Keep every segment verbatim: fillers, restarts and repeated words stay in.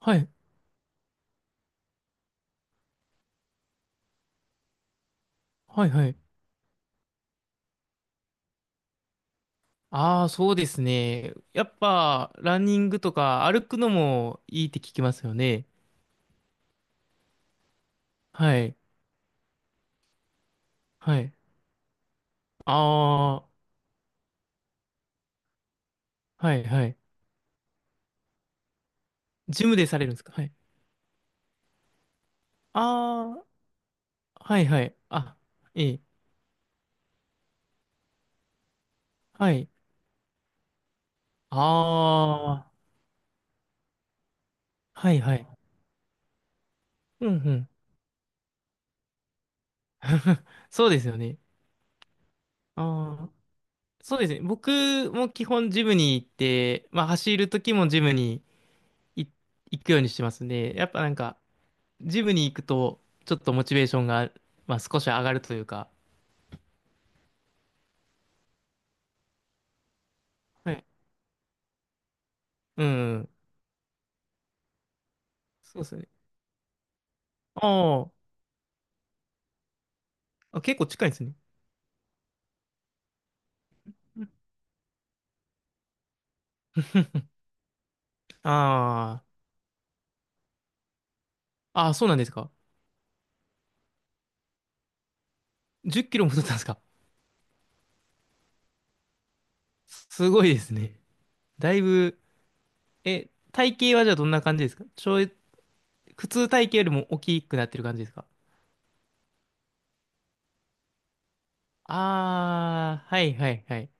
はい、はい、はい。ああ、そうですね。やっぱ、ランニングとか歩くのもいいって聞きますよね。はい、はい。ああ、はい、はい。ジムでされるんですか？はい。ああ、はい、はい。あ、ええ、はい。ああ、はい、はい。うん、うん。そうですよね。ああ、そうですね。僕も基本ジムに行って、まあ、走る時もジムに行行くようにしてますね。やっぱなんか、ジムに行くと、ちょっとモチベーションが、まあ、少し上がるというか。はい。うん。そうですね。ああ、あ、結構近いですね。うん。 ああ、ああ、そうなんですか。じゅっキロも太ったんですか？すごいですね。だいぶ、え、体型はじゃあどんな感じですか？ちょい、普通体型よりも大きくなってる感じですか？ああー、はいはいはい。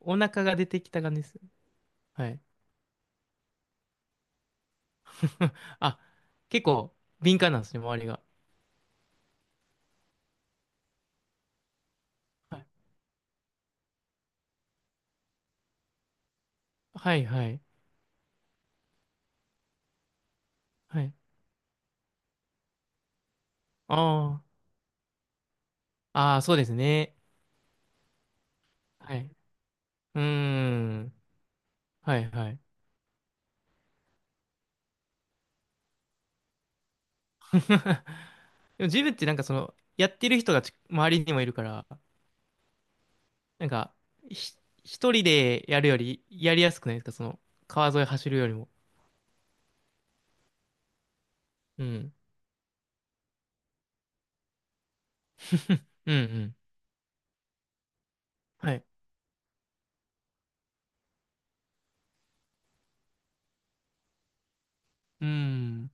お腹が出てきた感じです。はい。あ、結構敏感なんですね、周りが。はいはいはい。はい。ああ。ああ、そうですね。はい。うーん。はいはい。でもジムってなんかその、やってる人がち周りにもいるから、なんか、ひ、一人でやるよりやりやすくないですか？その、川沿い走るよりも。うん。うんうん。はい。うーん。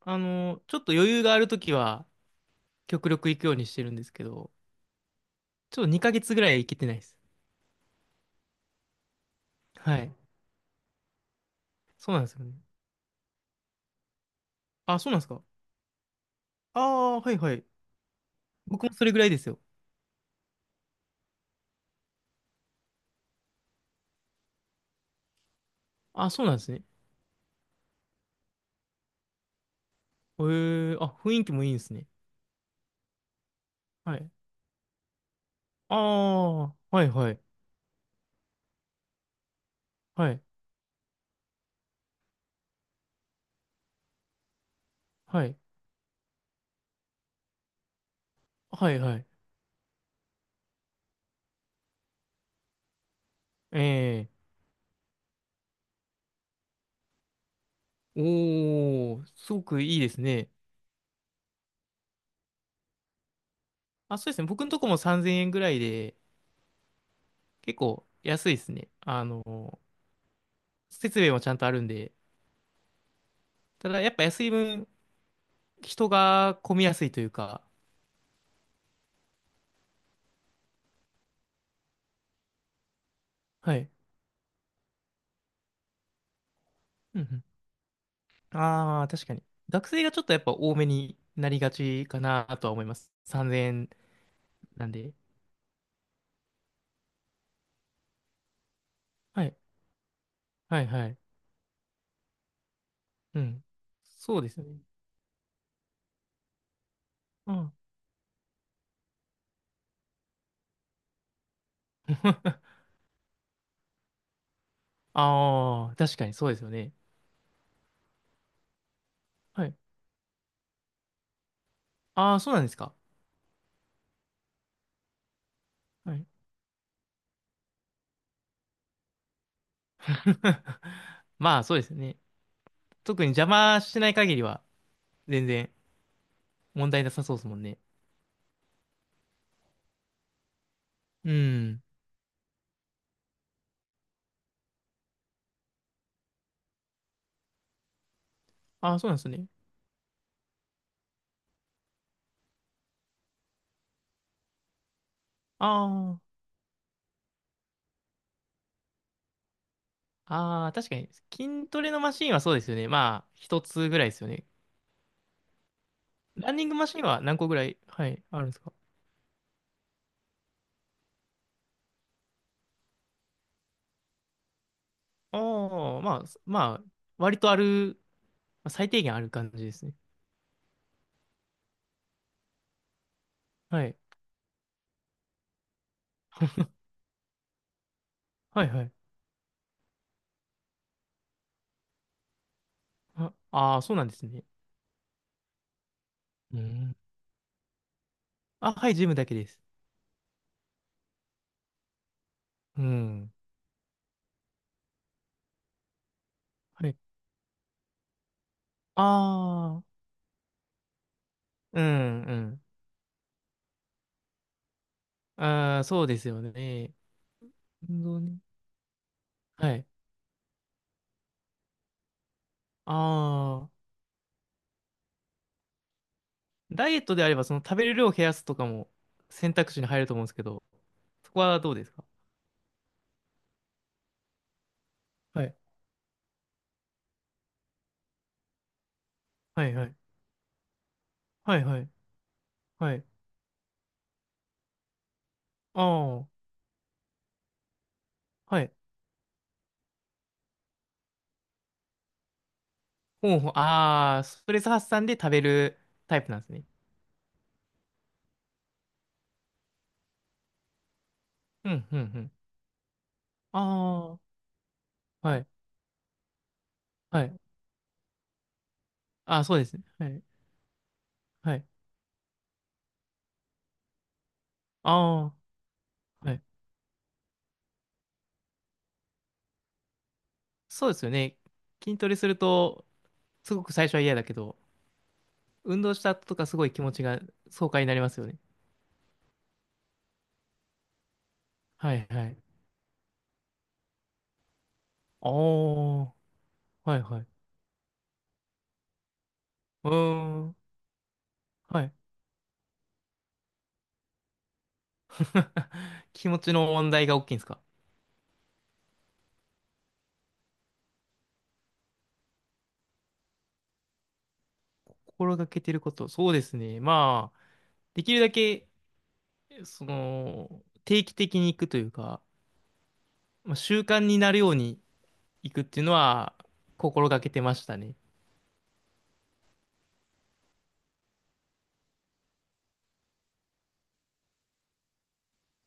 あの、ちょっと余裕があるときは、極力行くようにしてるんですけど、ちょっとにかげつぐらい行けてないです。はい。そうなんですよね。あ、そうなんですか。ああ、はいはい。僕もそれぐらいですよ。あ、そうなんですね。へえ、あ、雰囲気もいいんですね。はい。ああ、はいはい。はい。はい。はいはい。ええ、おー、すごくいいですね。あ、そうですね。僕のとこもさんぜんえんぐらいで、結構安いですね。あの、設備もちゃんとあるんで。ただ、やっぱ安い分、人が混みやすいというか。はい。うんうん。ああ、確かに。学生がちょっとやっぱ多めになりがちかなとは思います。さんぜんえんなんで。はい。はいはい。うん。そうですね。うん。ああ、確かにそうですよね。はい。ああ、そうなんですか。はい。まあ、そうですよね。特に邪魔しない限りは、全然問題なさそうですもんね。うん。ああ、そうなんですね。ああ、ああ、確かに。筋トレのマシンはそうですよね。まあ、一つぐらいですよね。ランニングマシンは何個ぐらい、はい、あるんですか？ああ、まあ、まあ、割とある、まあ最低限ある感じですね。はい。はい、はい。ああー、そうなんですね。うん。あ、はい、ジムだけです。うん。はい。ああ、うん、うん。ああ、そうですよね。運動ね。はい。ああ、ダイエットであれば、その食べる量を減らすとかも選択肢に入ると思うんですけど、そこはどうですか？はい。はい、はい。はい、はい。はい。ああ、はい。ほうほう、ああ、ストレス発散で食べるタイプなんですね。うん、うん、うん。ああ、はい。はい。ああ、そうですね。はい。はい。ああ、はい。そうですよね。筋トレすると、すごく最初は嫌だけど、運動した後とかすごい気持ちが爽快になりますよね。はいはい。ああ、はいはい。うーん。はい。気持ちの問題が大きいんですか？心がけてること。そうですね。まあ、できるだけ、その、定期的に行くというか、まあ、習慣になるように行くっていうのは心がけてましたね。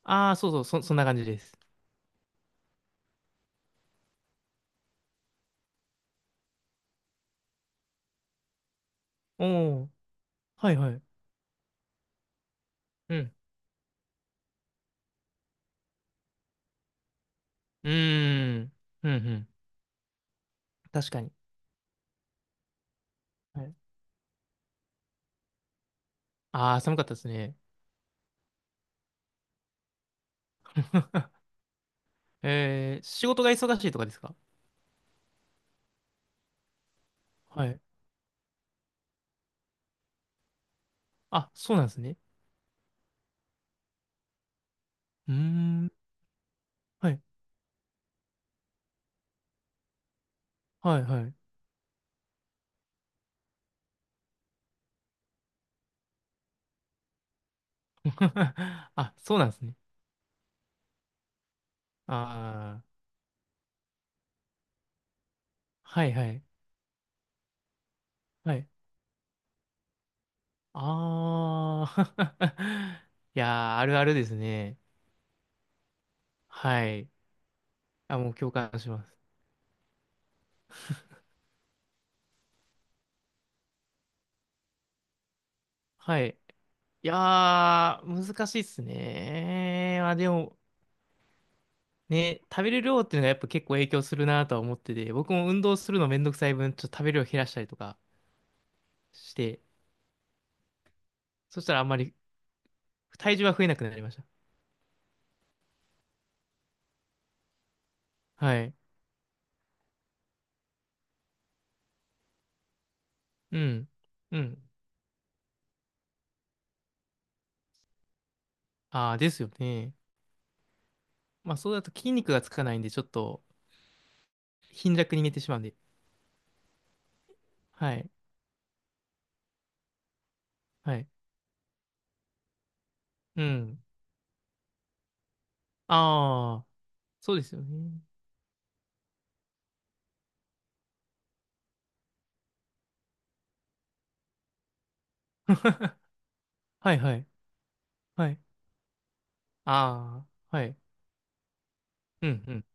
ああ、そうそう、そ、そんな感じです。おお、はいはい。うん。うーん。うんうん。確かに。はい。ああ、寒かったですね。えー、仕事が忙しいとかですか？はい。あ、そうなんですね。うーん。はい。はい、はい。あ、そうなんですね。ああ、はい、はい。はい。ああ、いやー、あるあるですね。はい。あ、もう共感します。はい。いやー、難しいっすね。まあでも、ね、食べる量っていうのがやっぱ結構影響するなとは思ってて、僕も運動するのめんどくさい分、ちょっと食べる量減らしたりとかして、そしたらあんまり体重は増えなくなりました。はい。うん。うん。ああ、ですよね。まあ、そうだと筋肉がつかないんで、ちょっと貧弱に寝てしまうんで。はい。はい。うん。ああ、そうですよね。はいはい。はい。ああ、はい。うんうん